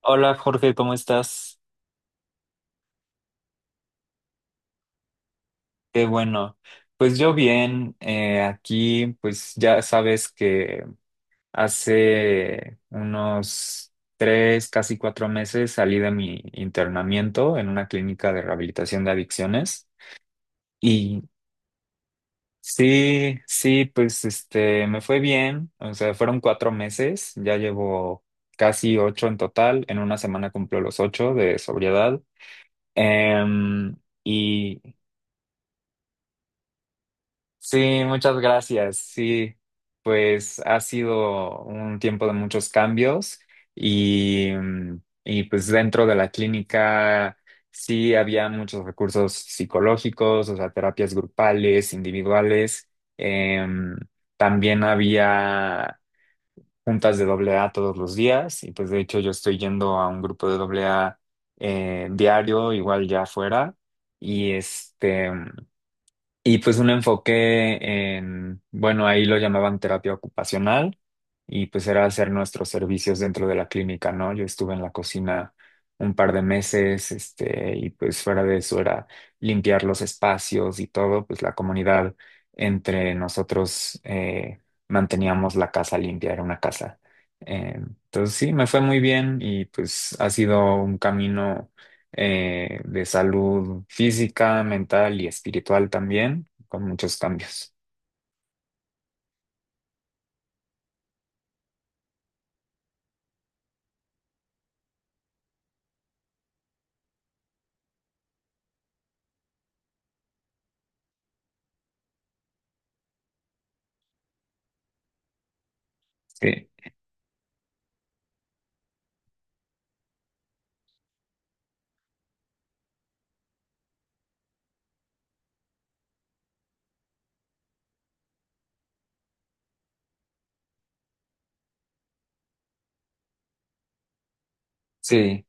Hola Jorge, ¿cómo estás? Qué bueno. Pues yo bien, aquí pues ya sabes que hace unos tres, casi cuatro meses salí de mi internamiento en una clínica de rehabilitación de adicciones y sí, sí, pues me fue bien, o sea, fueron cuatro meses, ya llevo casi ocho en total, en una semana cumplo los ocho de sobriedad. Em, y Sí, muchas gracias. Sí, pues ha sido un tiempo de muchos cambios y pues dentro de la clínica sí había muchos recursos psicológicos, o sea, terapias grupales, individuales. Em, también había juntas de doble A todos los días y pues de hecho yo estoy yendo a un grupo de doble A diario, igual ya afuera. Y este... Y pues un enfoque en, bueno, ahí lo llamaban terapia ocupacional y pues era hacer nuestros servicios dentro de la clínica, ¿no? Yo estuve en la cocina un par de meses, y pues fuera de eso era limpiar los espacios y todo, pues la comunidad entre nosotros manteníamos la casa limpia, era una casa. Entonces sí, me fue muy bien y pues ha sido un camino de salud física, mental y espiritual también, con muchos cambios. Sí, sí.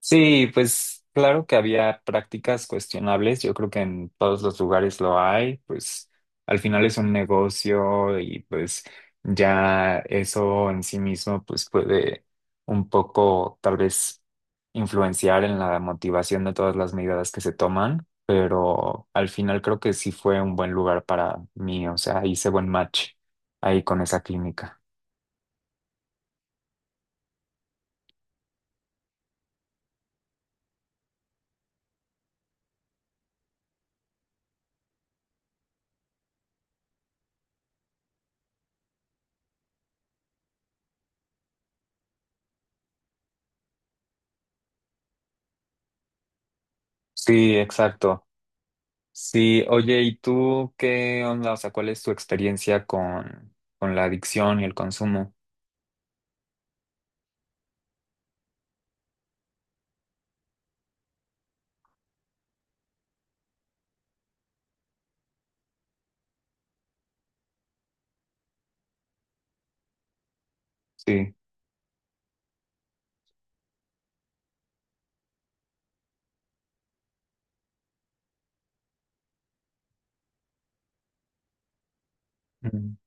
Sí, pues claro que había prácticas cuestionables, yo creo que en todos los lugares lo hay, pues al final es un negocio y pues ya eso en sí mismo pues puede un poco tal vez influenciar en la motivación de todas las medidas que se toman, pero al final creo que sí fue un buen lugar para mí, o sea, hice buen match ahí con esa clínica. Sí, exacto. Sí, oye, ¿y tú qué onda? O sea, ¿cuál es tu experiencia con la adicción y el consumo? Sí. Mm,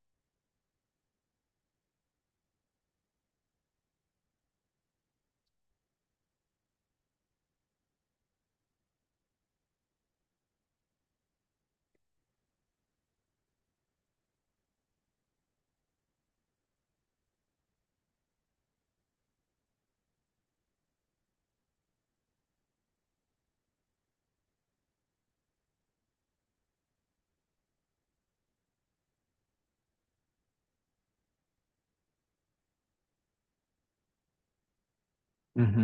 ujú,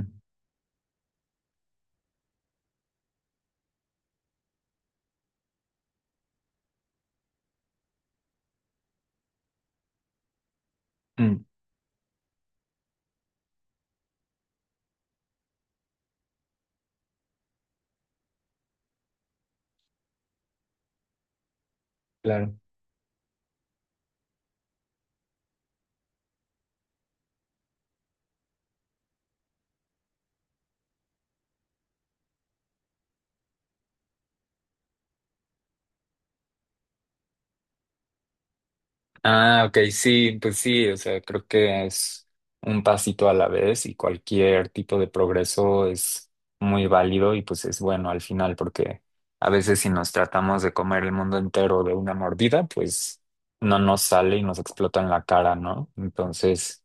mm, claro. Ah, ok, sí, pues sí, o sea, creo que es un pasito a la vez y cualquier tipo de progreso es muy válido y pues es bueno al final porque a veces si nos tratamos de comer el mundo entero de una mordida, pues no nos sale y nos explota en la cara, ¿no? Entonces...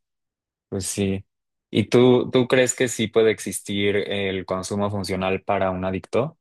Pues sí. ¿Y tú crees que sí puede existir el consumo funcional para un adicto?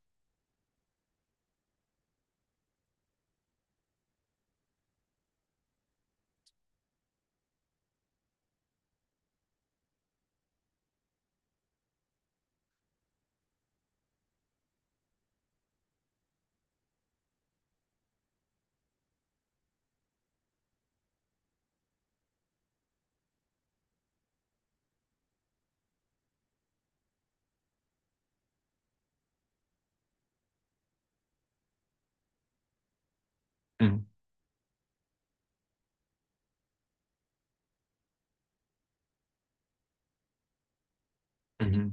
Mm, ujú.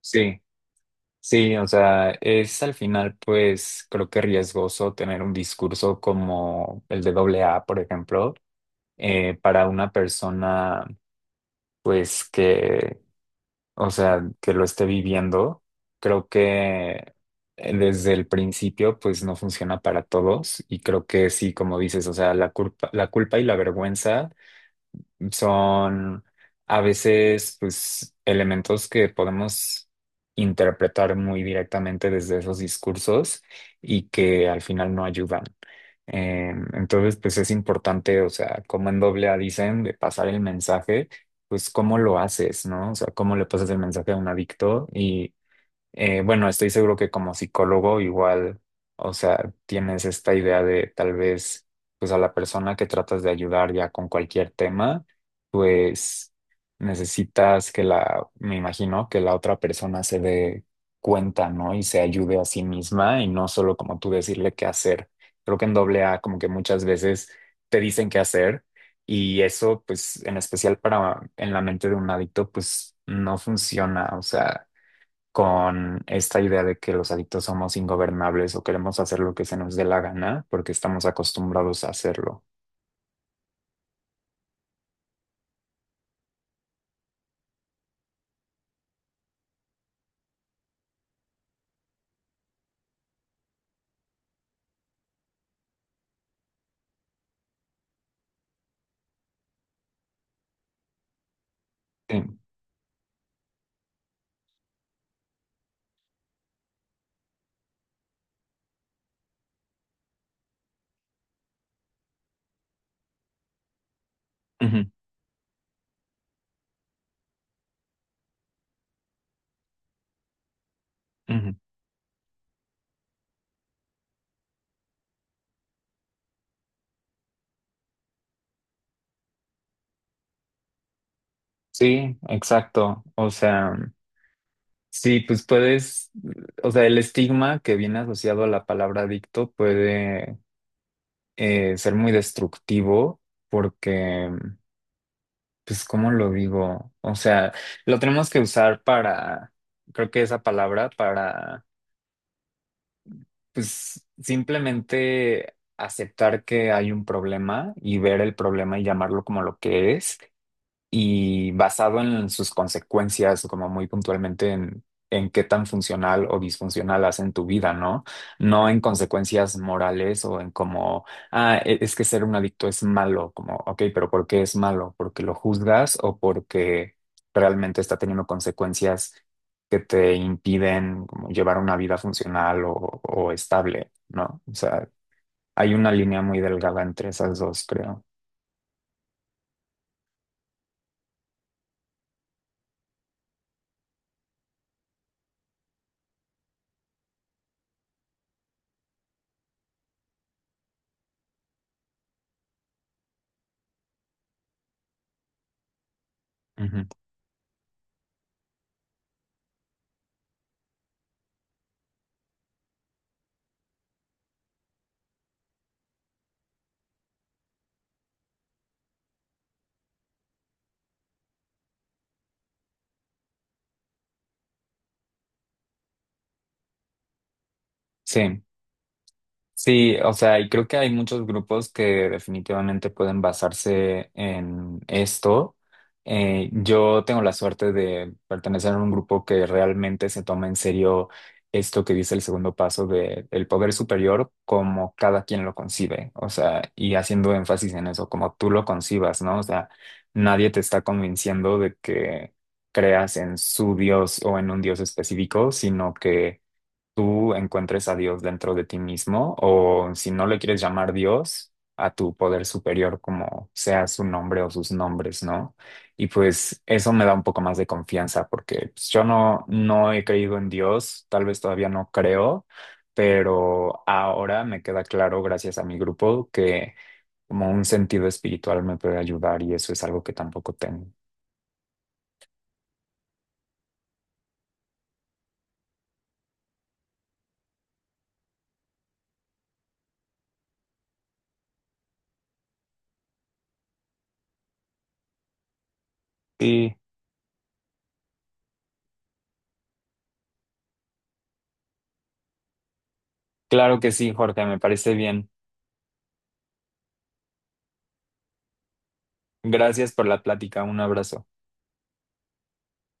Sí, sí, o sea, es al final, pues creo que riesgoso tener un discurso como el de doble A, por ejemplo, para una persona, pues que, o sea, que lo esté viviendo. Creo que desde el principio, pues no funciona para todos y creo que sí, como dices, o sea, la culpa y la vergüenza son a veces pues elementos que podemos interpretar muy directamente desde esos discursos y que al final no ayudan. Entonces pues es importante, o sea, como en doble A dicen, de pasar el mensaje, pues cómo lo haces, ¿no? O sea, cómo le pasas el mensaje a un adicto y bueno, estoy seguro que como psicólogo igual, o sea, tienes esta idea de tal vez, pues a la persona que tratas de ayudar ya con cualquier tema, pues necesitas que la, me imagino, que la otra persona se dé cuenta, ¿no? Y se ayude a sí misma y no solo como tú decirle qué hacer. Creo que en doble A como que muchas veces te dicen qué hacer y eso, pues en especial para en la mente de un adicto, pues no funciona, o sea con esta idea de que los adictos somos ingobernables o queremos hacer lo que se nos dé la gana porque estamos acostumbrados a hacerlo. Sí. Ujú, ujú. Sí, exacto. O sea, sí, pues puedes, o sea, el estigma que viene asociado a la palabra adicto puede ser muy destructivo porque, pues, ¿cómo lo digo? O sea, lo tenemos que usar para, creo que esa palabra para. Pues simplemente aceptar que hay un problema y ver el problema y llamarlo como lo que es y basado en sus consecuencias, como muy puntualmente en, qué tan funcional o disfuncional hacen tu vida, ¿no? No en consecuencias morales o en como, ah, es que ser un adicto es malo, como, ok, pero ¿por qué es malo? ¿Porque lo juzgas o porque realmente está teniendo consecuencias que te impiden como llevar una vida funcional o estable, ¿no? O sea, hay una línea muy delgada entre esas dos, creo. Ujú. Sí. Sí, o sea, y creo que hay muchos grupos que definitivamente pueden basarse en esto. Yo tengo la suerte de pertenecer a un grupo que realmente se toma en serio esto que dice el segundo paso de el poder superior como cada quien lo concibe, o sea, y haciendo énfasis en eso, como tú lo concibas, ¿no? O sea, nadie te está convenciendo de que creas en su Dios o en un Dios específico, sino que tú encuentres a Dios dentro de ti mismo o si no le quieres llamar Dios, a tu poder superior como sea su nombre o sus nombres, ¿no? Y pues eso me da un poco más de confianza porque pues, yo no, no he creído en Dios, tal vez todavía no creo, pero ahora me queda claro gracias a mi grupo que como un sentido espiritual me puede ayudar y eso es algo que tampoco tengo. Sí. Claro que sí, Jorge, me parece bien. Gracias por la plática, un abrazo.